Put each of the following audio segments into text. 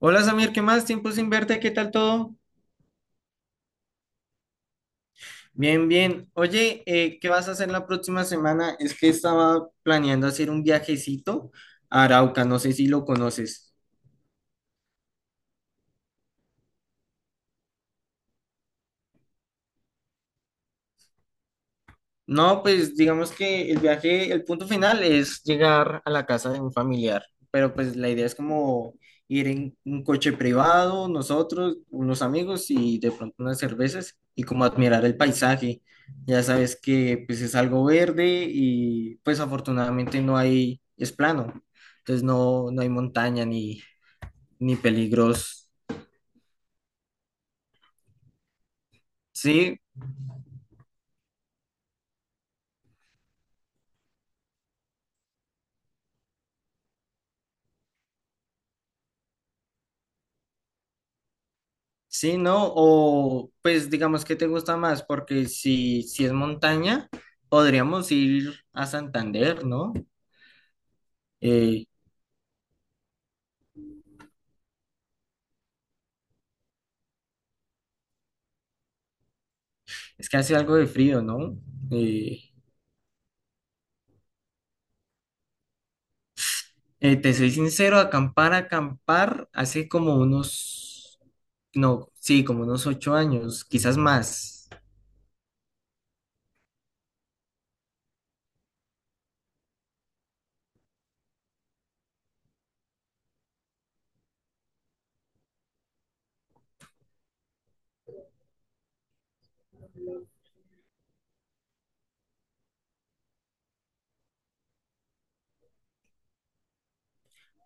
Hola Samir, ¿qué más? Tiempo sin verte, ¿qué tal todo? Bien, bien. Oye, ¿qué vas a hacer la próxima semana? Es que estaba planeando hacer un viajecito a Arauca, no sé si lo conoces. No, pues digamos que el viaje, el punto final es llegar a la casa de un familiar, pero pues la idea es como ir en un coche privado, nosotros, unos amigos y de pronto unas cervezas y como admirar el paisaje. Ya sabes que pues es algo verde y pues afortunadamente no hay, es plano, entonces no, no hay montaña ni, ni peligros, sí. Sí, ¿no? O pues digamos que te gusta más, porque si es montaña, podríamos ir a Santander, ¿no? Eh, es que hace algo de frío, ¿no? Eh, te soy sincero, acampar, acampar, hace como unos, no, sí, como unos 8 años, quizás más.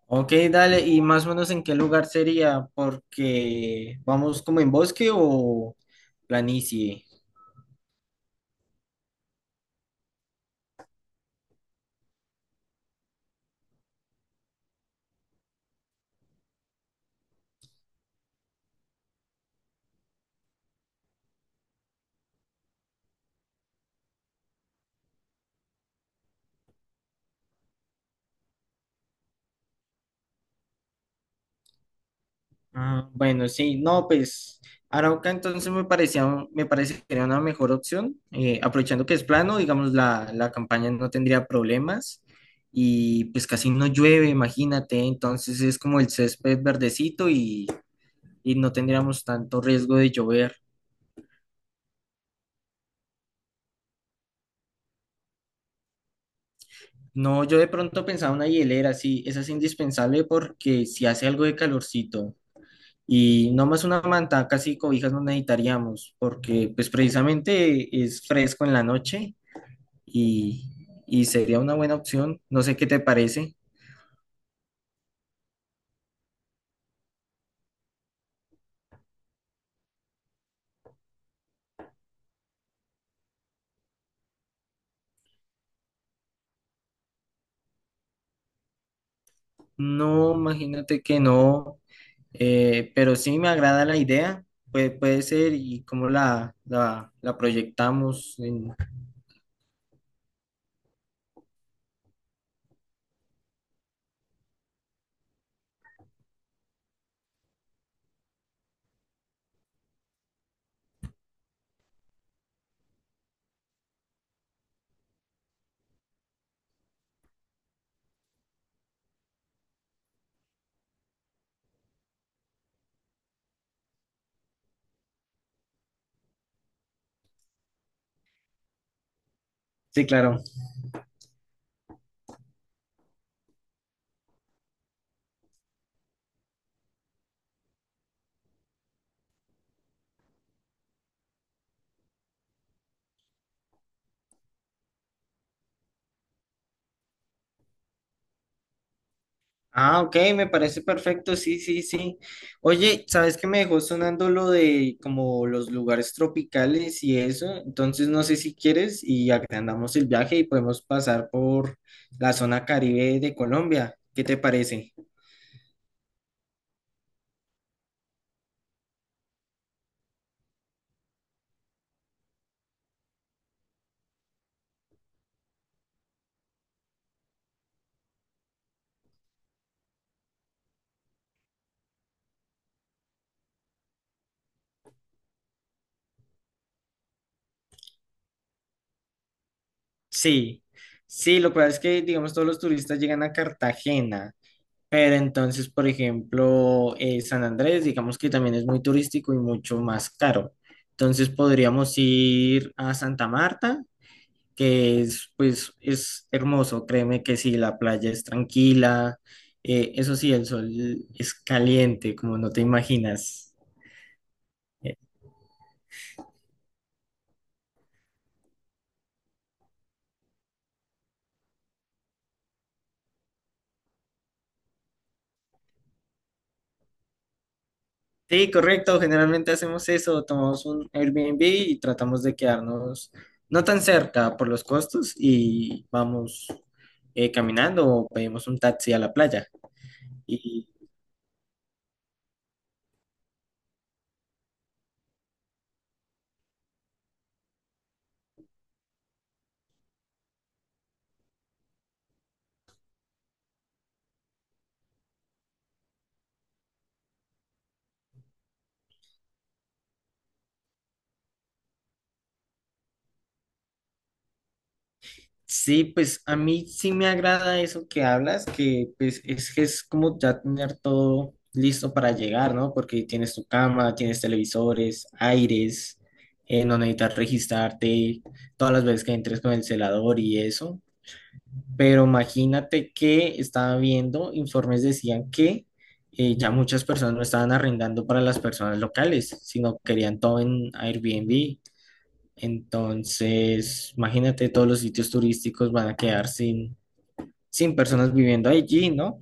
Ok, dale, ¿y más o menos en qué lugar sería? Porque vamos como en bosque o planicie. Ah, bueno, sí, no, pues Arauca entonces me parecía, me parece que era una mejor opción, aprovechando que es plano, digamos, la campaña no tendría problemas y pues casi no llueve, imagínate, entonces es como el césped verdecito y no tendríamos tanto riesgo de llover. No, yo de pronto pensaba una hielera, sí, esa es indispensable porque si hace algo de calorcito y no más una manta, casi cobijas no necesitaríamos porque pues precisamente es fresco en la noche y, y sería una buena opción. No sé qué te parece. No, imagínate que no, pero sí me agrada la idea. Puede ser y cómo la proyectamos. Sí, claro. Ah, ok, me parece perfecto. Sí, sí, sí. Oye, ¿sabes qué me dejó sonando lo de como los lugares tropicales y eso? Entonces, no sé si quieres y agrandamos el viaje y podemos pasar por la zona Caribe de Colombia. ¿Qué te parece? Sí, sí, lo que pasa es que, digamos, todos los turistas llegan a Cartagena, pero entonces, por ejemplo, San Andrés, digamos que también es muy turístico y mucho más caro. Entonces podríamos ir a Santa Marta, que es, pues, es hermoso, créeme que sí, la playa es tranquila, eso sí, el sol es caliente, como no te imaginas. Sí, correcto. Generalmente hacemos eso, tomamos un Airbnb y tratamos de quedarnos no tan cerca por los costos y vamos caminando o pedimos un taxi a la playa. Y sí, pues a mí sí me agrada eso que hablas, que pues es que es como ya tener todo listo para llegar, ¿no? Porque tienes tu cama, tienes televisores, aires, no necesitas registrarte todas las veces que entres con el celador y eso. Pero imagínate que estaba viendo, informes decían que ya muchas personas no estaban arrendando para las personas locales, sino querían todo en Airbnb. Entonces, imagínate, todos los sitios turísticos van a quedar sin, sin personas viviendo allí, ¿no?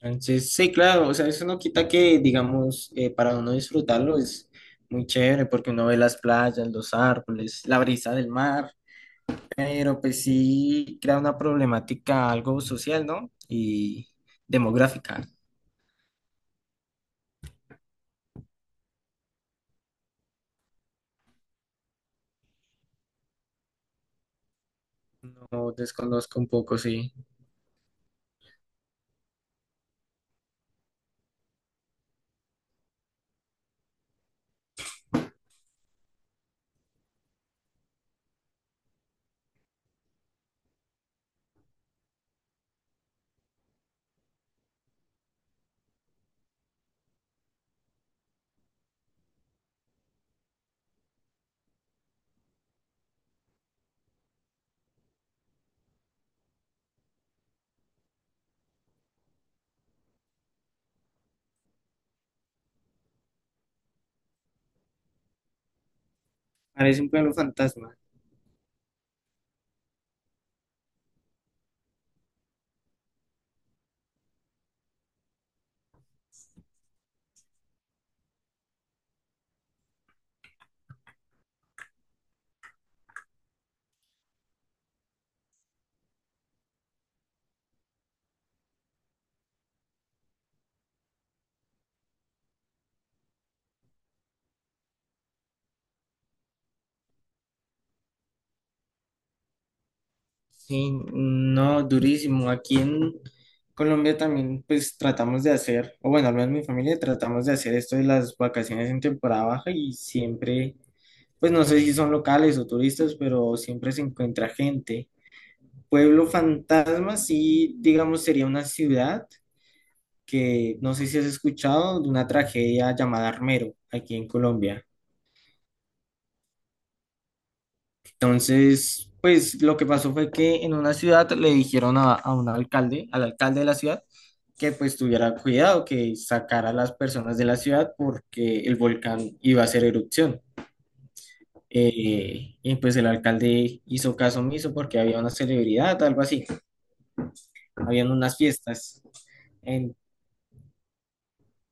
Entonces, sí, claro, o sea, eso no quita que, digamos, para uno disfrutarlo es muy chévere porque uno ve las playas, los árboles, la brisa del mar. Pero pues sí crea una problemática algo social, ¿no? Y demográfica. No desconozco un poco, sí. Parece un pueblo fantasma. Sí, no, durísimo. Aquí en Colombia también pues tratamos de hacer, o bueno, al menos mi familia tratamos de hacer esto de las vacaciones en temporada baja y siempre, pues no sé si son locales o turistas, pero siempre se encuentra gente. Pueblo fantasma, sí, digamos, sería una ciudad que no sé si has escuchado de una tragedia llamada Armero aquí en Colombia. Entonces, pues lo que pasó fue que en una ciudad le dijeron a un alcalde, al alcalde de la ciudad, que pues tuviera cuidado, que sacara a las personas de la ciudad porque el volcán iba a hacer erupción. Y pues el alcalde hizo caso omiso porque había una celebridad, algo así, habían unas fiestas.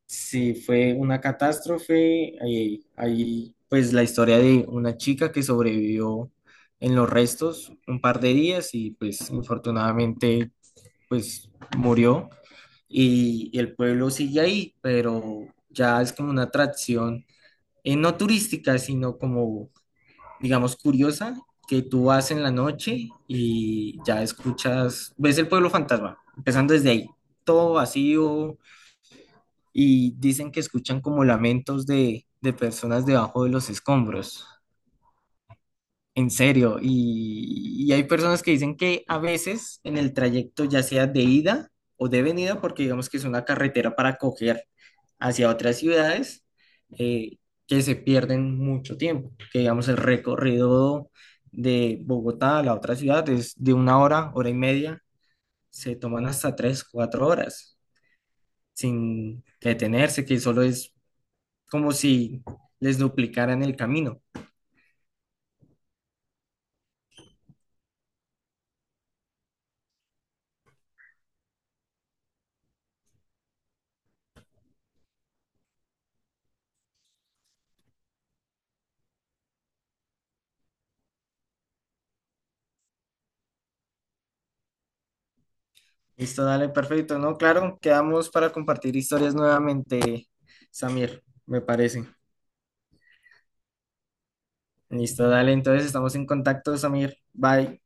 Sí, fue una catástrofe. Ahí, ahí, pues la historia de una chica que sobrevivió en los restos un par de días y pues infortunadamente pues murió. Y el pueblo sigue ahí, pero ya es como una atracción, no turística, sino como, digamos, curiosa, que tú vas en la noche y ya escuchas, ves el pueblo fantasma, empezando desde ahí, todo vacío y dicen que escuchan como lamentos de personas debajo de los escombros. En serio, y hay personas que dicen que a veces en el trayecto, ya sea de ida o de venida, porque digamos que es una carretera para coger hacia otras ciudades, eh, que se pierden mucho tiempo, que digamos el recorrido de Bogotá a la otra ciudad es de una hora, hora y media, se toman hasta 3, 4 horas sin detenerse, que solo es como si les duplicaran el camino. Listo, dale, perfecto, ¿no? Claro, quedamos para compartir historias nuevamente, Samir, me parece. Listo, dale, entonces estamos en contacto, Samir. Bye.